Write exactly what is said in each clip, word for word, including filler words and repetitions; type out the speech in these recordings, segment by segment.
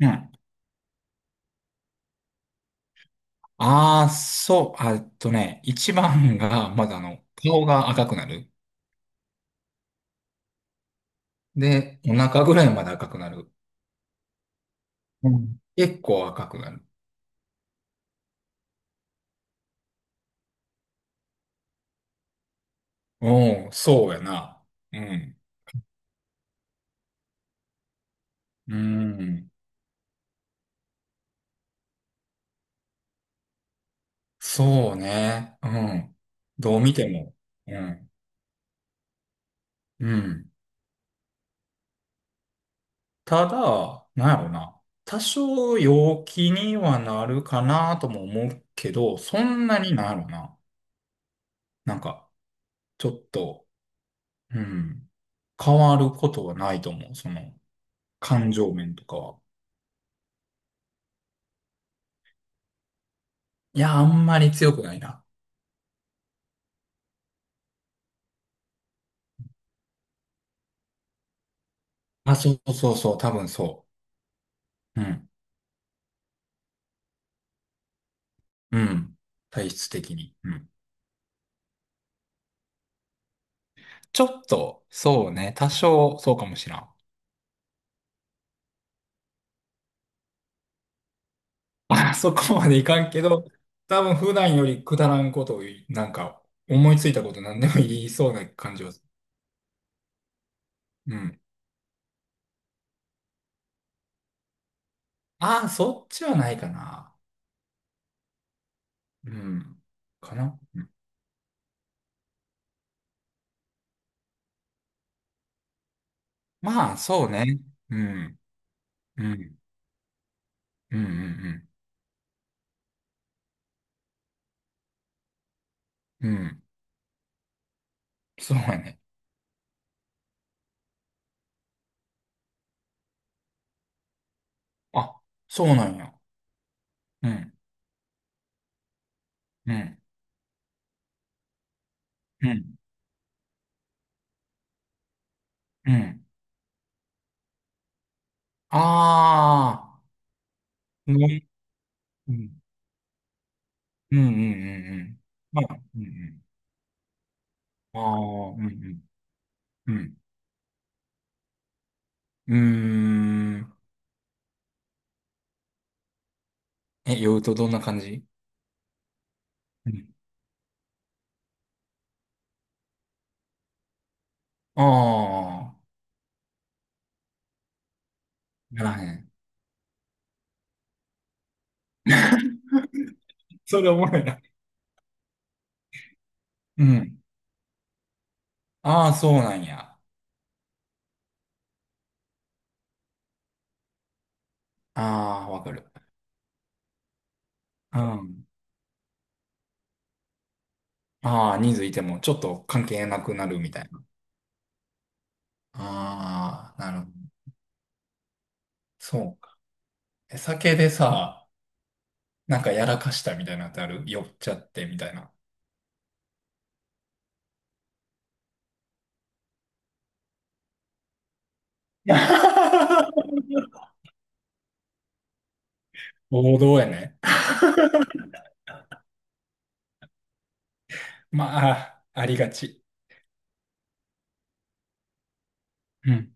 うん。ああ、そう、あえっとね、一番が、まだあの、顔が赤くなる。で、お腹ぐらいまで赤くなる。うん。結構赤くなる。うおそうやな。うん。うん。そうね。うん。どう見ても。うん。うん。ただ、なんやろな。多少陽気にはなるかなとも思うけど、そんなになんやろな。なんか、ちょっと、うん。変わることはないと思う。その、感情面とかは。いや、あんまり強くないな。あ、そうそうそう、多分そう。うん。うん。体質的に。うん。ちょっと、そうね、多少、そうかもしらん。あ、そこまでいかんけど、多分普段よりくだらんことを言い、なんか、思いついたこと何でも言いそうな感じはする。うん。ああ、そっちはないかな。うん。かな。まあ、そうね。うん。うん。うんうんうん。うん。そうやね。あ、そうなんや。うん。うん、うん、うん。ああ、ね、うん、うん、うん、うん。うん、まあ、うん、うん。ああ、うん、うん、うん。うーん。え、酔うとどんな感じ。うん。ああ、ならへん。それおもろいな。うん。ああ、そうなんや。ああ、わかる。うん。ああ、人数いてもちょっと関係なくなるみたいな。ああ、なるほど。そうか。え、酒でさ、なんかやらかしたみたいなのってある、酔っちゃってみたいな。王道やね。まあ、ありがち。うん。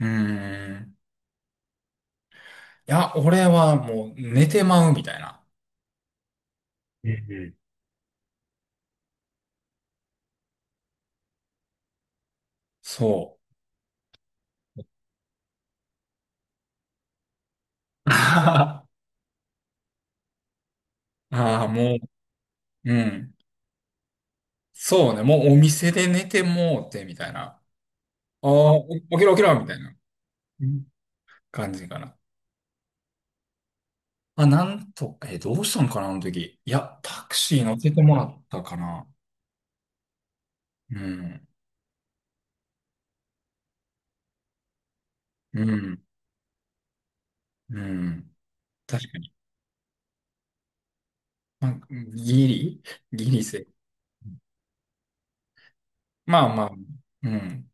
うーん。いや、俺はもう寝てまうみたいな。うんうん、そう。あーあー、もう、うん。そうね、もうお店で寝てもうてみたいな。ああ、起きろ起きろみたいな、うん、感じかな。あ、なんと、え、どうしたんかな、あの時。いや、タクシー乗せてもらったかな。うん。うん。うん。確かに。ギリギリセーフ。まあまあ、うん。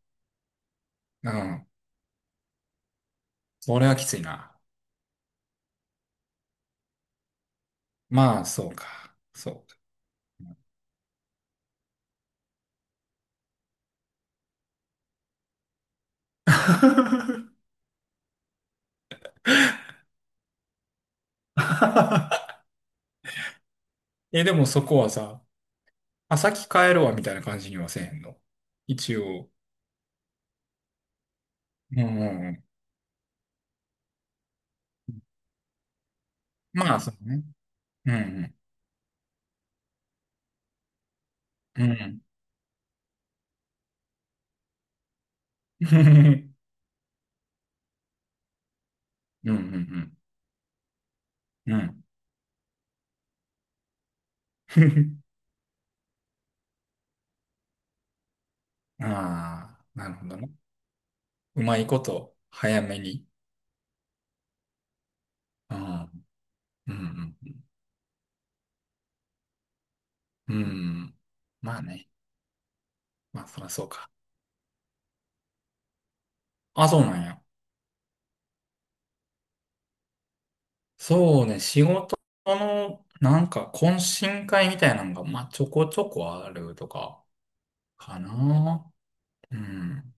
うん。それはきついな。まあ、そうか。そうか。え、でもそこはさ、あ、先帰るわみたいな感じにはせえへんの。一応。うんうんうん。まあ、そうね。うんうん。うん。うんうんうん。うん。ああ、なるほどね。うまいこと、早めに。うん。うんうん。うん。まあね。まあ、そりゃそうか。あ、そうなんや。そうね、仕事の、なんか、懇親会みたいなのが、まあ、ちょこちょこあるとか、かな。うん。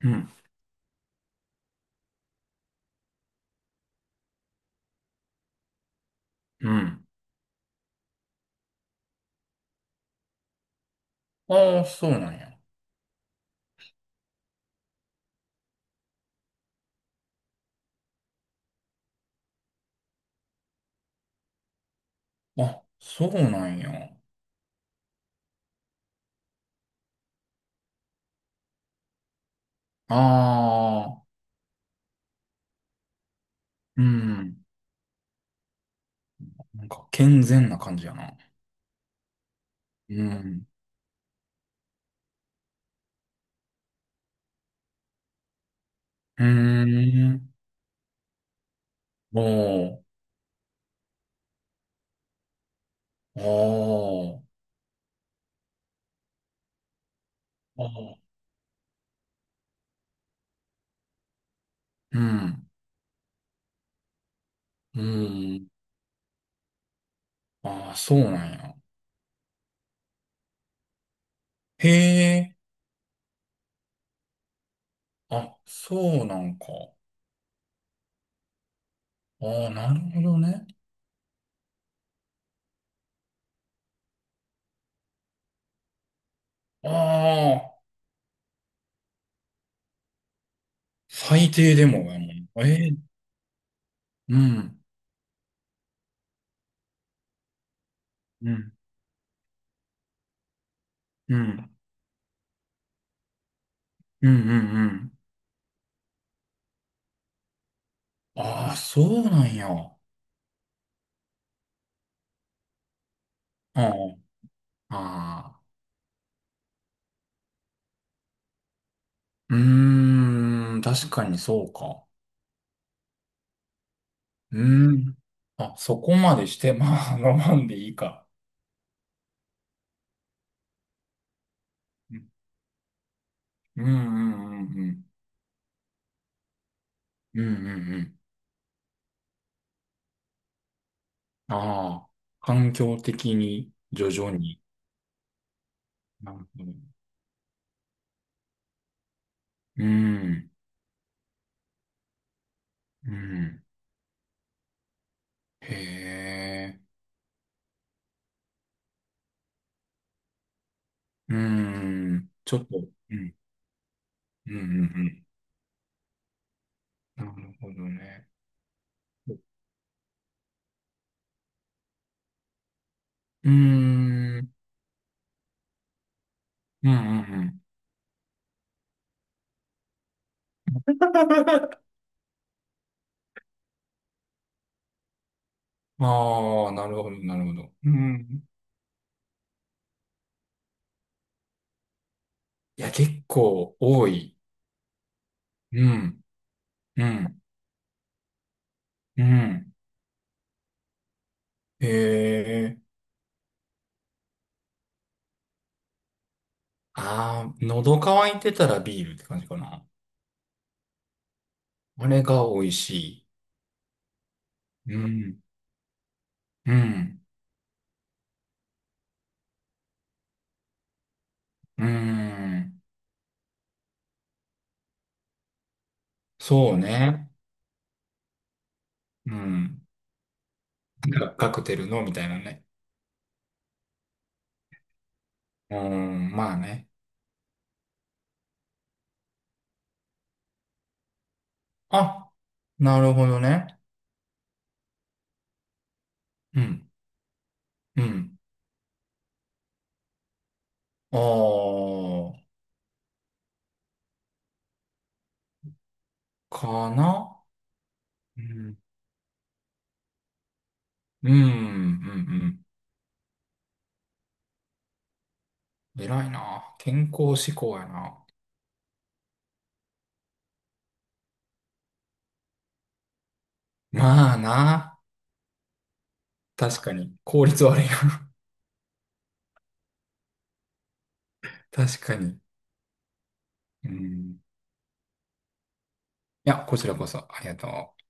うん。うん。ああ、そうなんや。あ、そうなんや。ああ、うん。なんか、健全な感じやな。うん。うーん。おー。あーあー。うん。うん。ああ、そうなんや。へえ。あ、そうなんか。ああ、なるほどね。ああ、最低でもやもん。ええ、うん、うん、うん、うん、うん、うん。ああ、そうなんや。ああ、ああ、うーん、確かにそうか。うーん。あ、そこまでして、まあ、我慢でいいか。うん、うん、うん、うん、うん、うんうん。ああ、環境的に、徐々に。なるほど。うん、うん。へえ。うーん、ちょっと、うん、うん、うん、うん。なるほどね。うーん、うん、うん、うん。ああ、なるほど、なるほど。うん。いや、結構多い。うん、うん、うん。へえ。ああ、喉乾いてたらビールって感じかな。あれが美味しい。うん、うん、うん。そうね。うん。なんかカクテルのみたいなね。うん、まあね。あ、なるほどね。うん、うん。ああ、かな。うん、うん、うん、うん。偉いな。健康志向やな。まあな。確かに。効率悪いな。確かに。うん。いや、こちらこそ、ありがとう。